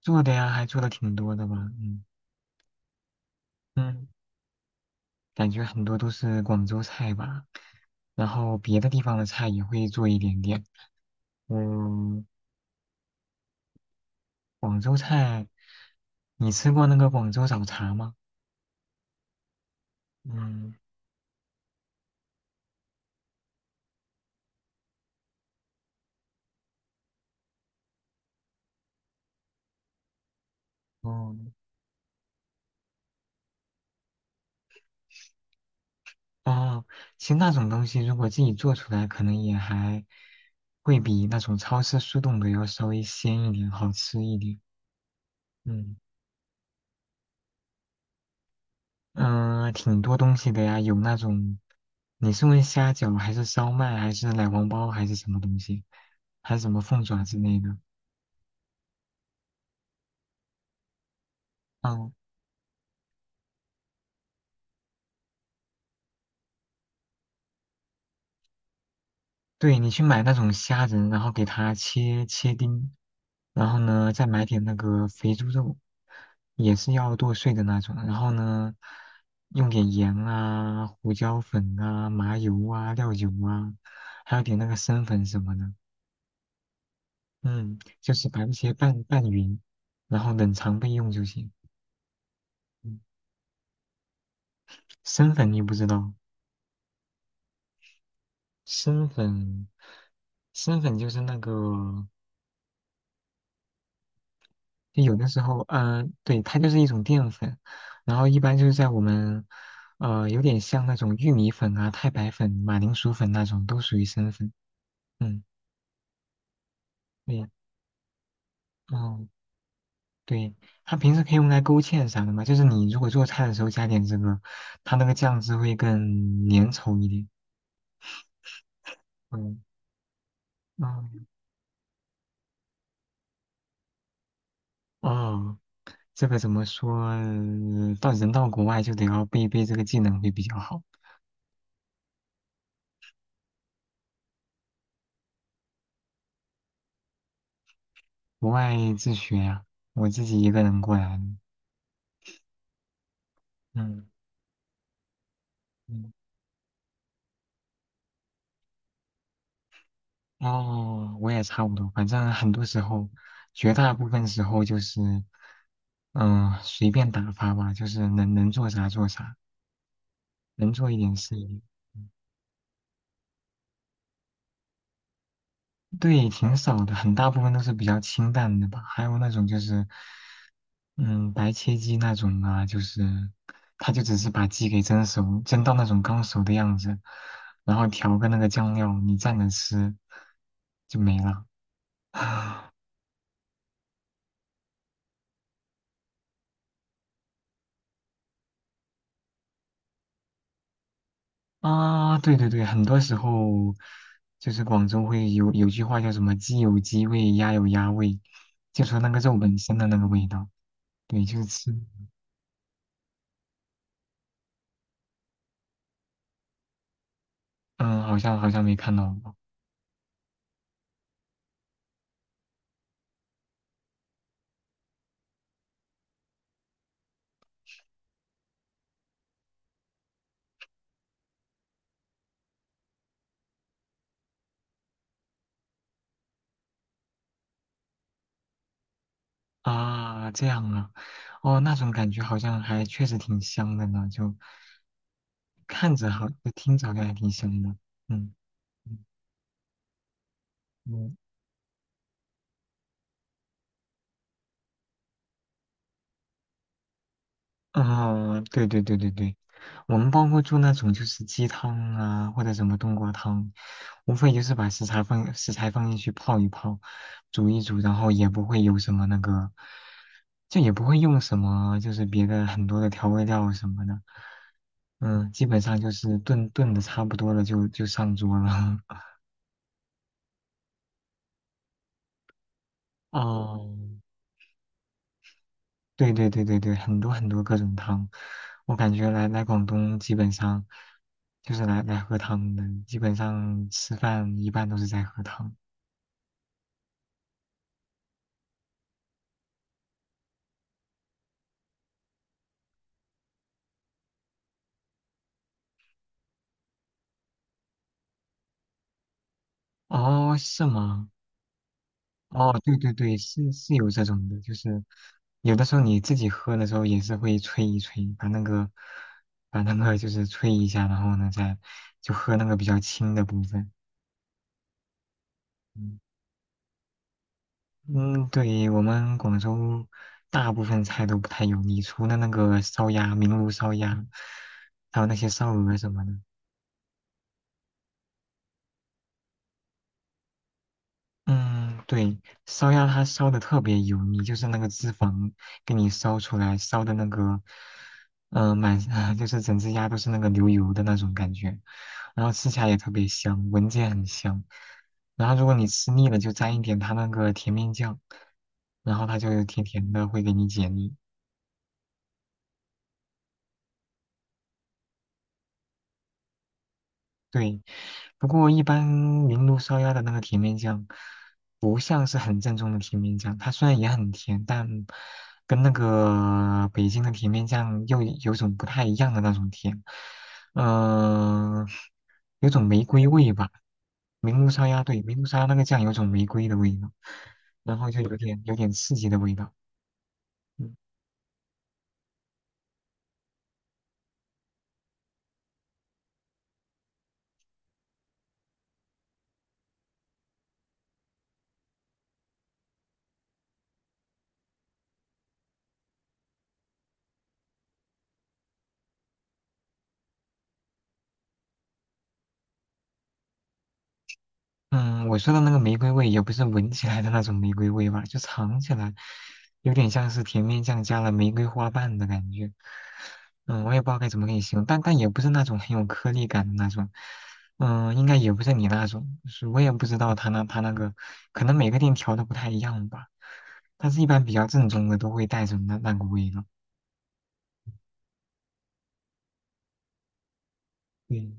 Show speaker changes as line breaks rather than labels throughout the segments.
做的呀，还做的挺多的吧，嗯嗯，感觉很多都是广州菜吧，然后别的地方的菜也会做一点点。嗯，广州菜，你吃过那个广州早茶吗？嗯。哦。哦。其实那种东西如果自己做出来，可能也还会比那种超市速冻的要稍微鲜一点，好吃一点。嗯。挺多东西的呀，有那种，你是问虾饺还是烧麦还是奶黄包还是什么东西，还是什么凤爪之类的？嗯，对，你去买那种虾仁，然后给它切切丁，然后呢再买点那个肥猪肉，也是要剁碎的那种，然后呢用点盐啊、胡椒粉啊、麻油啊、料酒啊，还有点那个生粉什么的。嗯，就是把这些拌拌匀，然后冷藏备用就行。嗯，生粉你不知道，生粉，生粉就是那个，就有的时候，嗯，对，它就是一种淀粉，然后一般就是在我们，有点像那种玉米粉啊、太白粉、马铃薯粉那种，都属于生粉。嗯，对，哦，对，它平时可以用来勾芡啥的嘛，就是你如果做菜的时候加点这个，它那个酱汁会更粘稠一点。嗯。哦，哦，这个怎么说？到国外就得要背一背这个技能会比较好。国外自学呀、我自己一个人过来的。嗯嗯，哦，我也差不多。反正很多时候，绝大部分时候就是，随便打发吧，就是能做啥做啥，能做一点是一点。对，挺少的，很大部分都是比较清淡的吧。还有那种就是。嗯，白切鸡那种啊，就是他就只是把鸡给蒸熟，蒸到那种刚熟的样子，然后调个那个酱料，你蘸着吃就没了。啊，对对对，很多时候就是广州会有句话叫什么“鸡有鸡味，鸭有鸭味”，就说那个肉本身的那个味道。对，就是吃，嗯，好像没看到过。啊，这样啊，哦，那种感觉好像还确实挺香的呢，就看着好，就听着好像还挺香的，嗯。嗯嗯哦，对对对对对，我们包括做那种就是鸡汤啊，或者什么冬瓜汤，无非就是把食材放进去泡一泡，煮一煮，然后也不会有什么那个，就也不会用什么就是别的很多的调味料什么的，基本上就是炖炖的差不多了就上桌了。哦，对对对对对，很多很多各种汤，我感觉来广东基本上就是来喝汤的，基本上吃饭一般都是在喝汤。哦，是吗？哦，对对对，是有这种的，就是有的时候你自己喝的时候也是会吹一吹，把那个就是吹一下，然后呢再就喝那个比较清的部分。嗯嗯，对，我们广州大部分菜都不太油腻，除了那个烧鸭、明炉烧鸭，还有那些烧鹅什么的。嗯，对，烧鸭它烧的特别油腻，就是那个脂肪给你烧出来，烧的那个，满，就是整只鸭都是那个流油的那种感觉，然后吃起来也特别香，闻着也很香。然后如果你吃腻了，就沾一点它那个甜面酱，然后它就甜甜的，会给你解腻。对，不过一般明炉烧鸭的那个甜面酱，不像是很正宗的甜面酱。它虽然也很甜，但跟那个北京的甜面酱又有种不太一样的那种甜，嗯、有种玫瑰味吧。明炉烧鸭，对，明炉烧鸭那个酱有种玫瑰的味道，然后就有点刺激的味道。嗯。嗯，我说的那个玫瑰味也不是闻起来的那种玫瑰味吧，就尝起来有点像是甜面酱加了玫瑰花瓣的感觉。我也不知道该怎么给你形容，但也不是那种很有颗粒感的那种。应该也不是你那种，是我也不知道他那个，可能每个店调的不太一样吧。但是一般比较正宗的都会带着那个味道。嗯。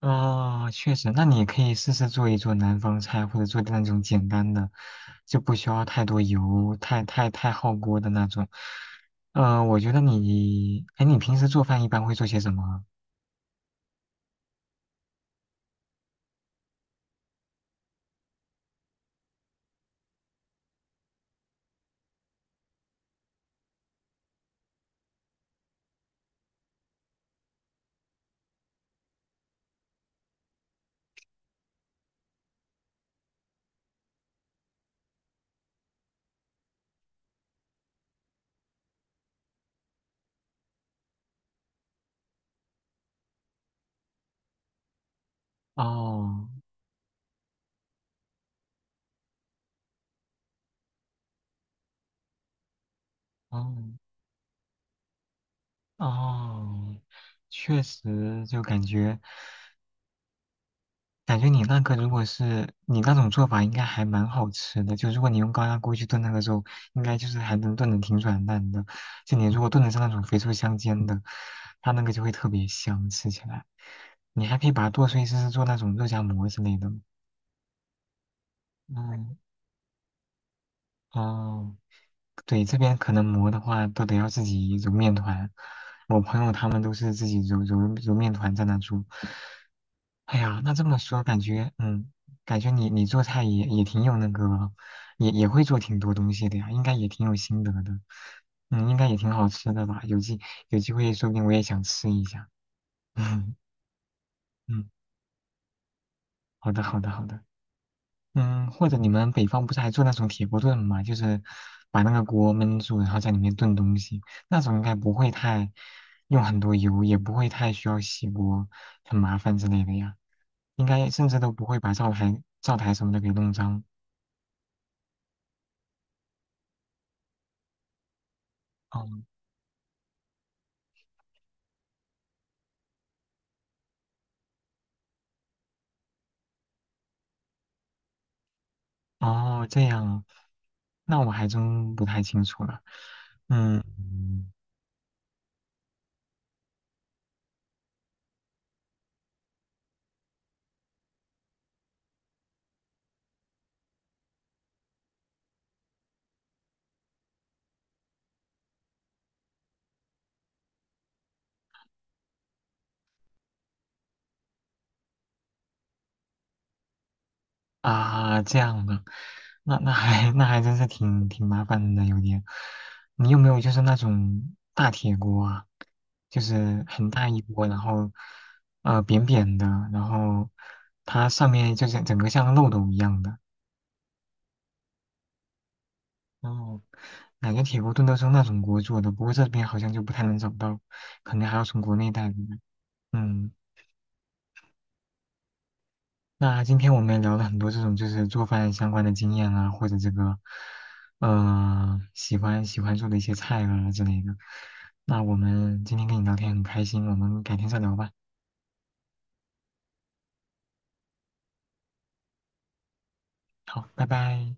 啊，确实，那你可以试试做一做南方菜，或者做那种简单的，就不需要太多油、太耗锅的那种。我觉得你，哎，你平时做饭一般会做些什么？哦，哦，哦，确实，就感觉。感觉你那个如果是你那种做法，应该还蛮好吃的。就如果你用高压锅去炖那个肉，应该就是还能炖的挺软烂的。就你如果炖的是那种肥瘦相间的，它那个就会特别香，吃起来。你还可以把它剁碎，试试做那种肉夹馍之类的。嗯，哦。对，这边可能磨的话都得要自己揉面团，我朋友他们都是自己揉面团在那做。哎呀，那这么说感觉你做菜也挺有那个，也会做挺多东西的呀，应该也挺有心得的，应该也挺好吃的吧？有机会说不定我也想吃一下。嗯嗯，好的好的好的。或者你们北方不是还做那种铁锅炖嘛，就是把那个锅焖住，然后在里面炖东西，那种应该不会太用很多油，也不会太需要洗锅，很麻烦之类的呀。应该甚至都不会把灶台什么的给弄脏。哦哦，这样啊，那我还真不太清楚了。嗯，啊，这样的，那还真是挺麻烦的，有点。你有没有就是那种大铁锅啊？就是很大一锅，然后扁扁的，然后它上面就是整个像漏斗一样的。然后感觉铁锅炖都是用那种锅做的，不过这边好像就不太能找到，可能还要从国内带过来。嗯。那今天我们也聊了很多这种就是做饭相关的经验啊，或者这个，喜欢做的一些菜啊之类的。那我们今天跟你聊天很开心，我们改天再聊吧。好，拜拜。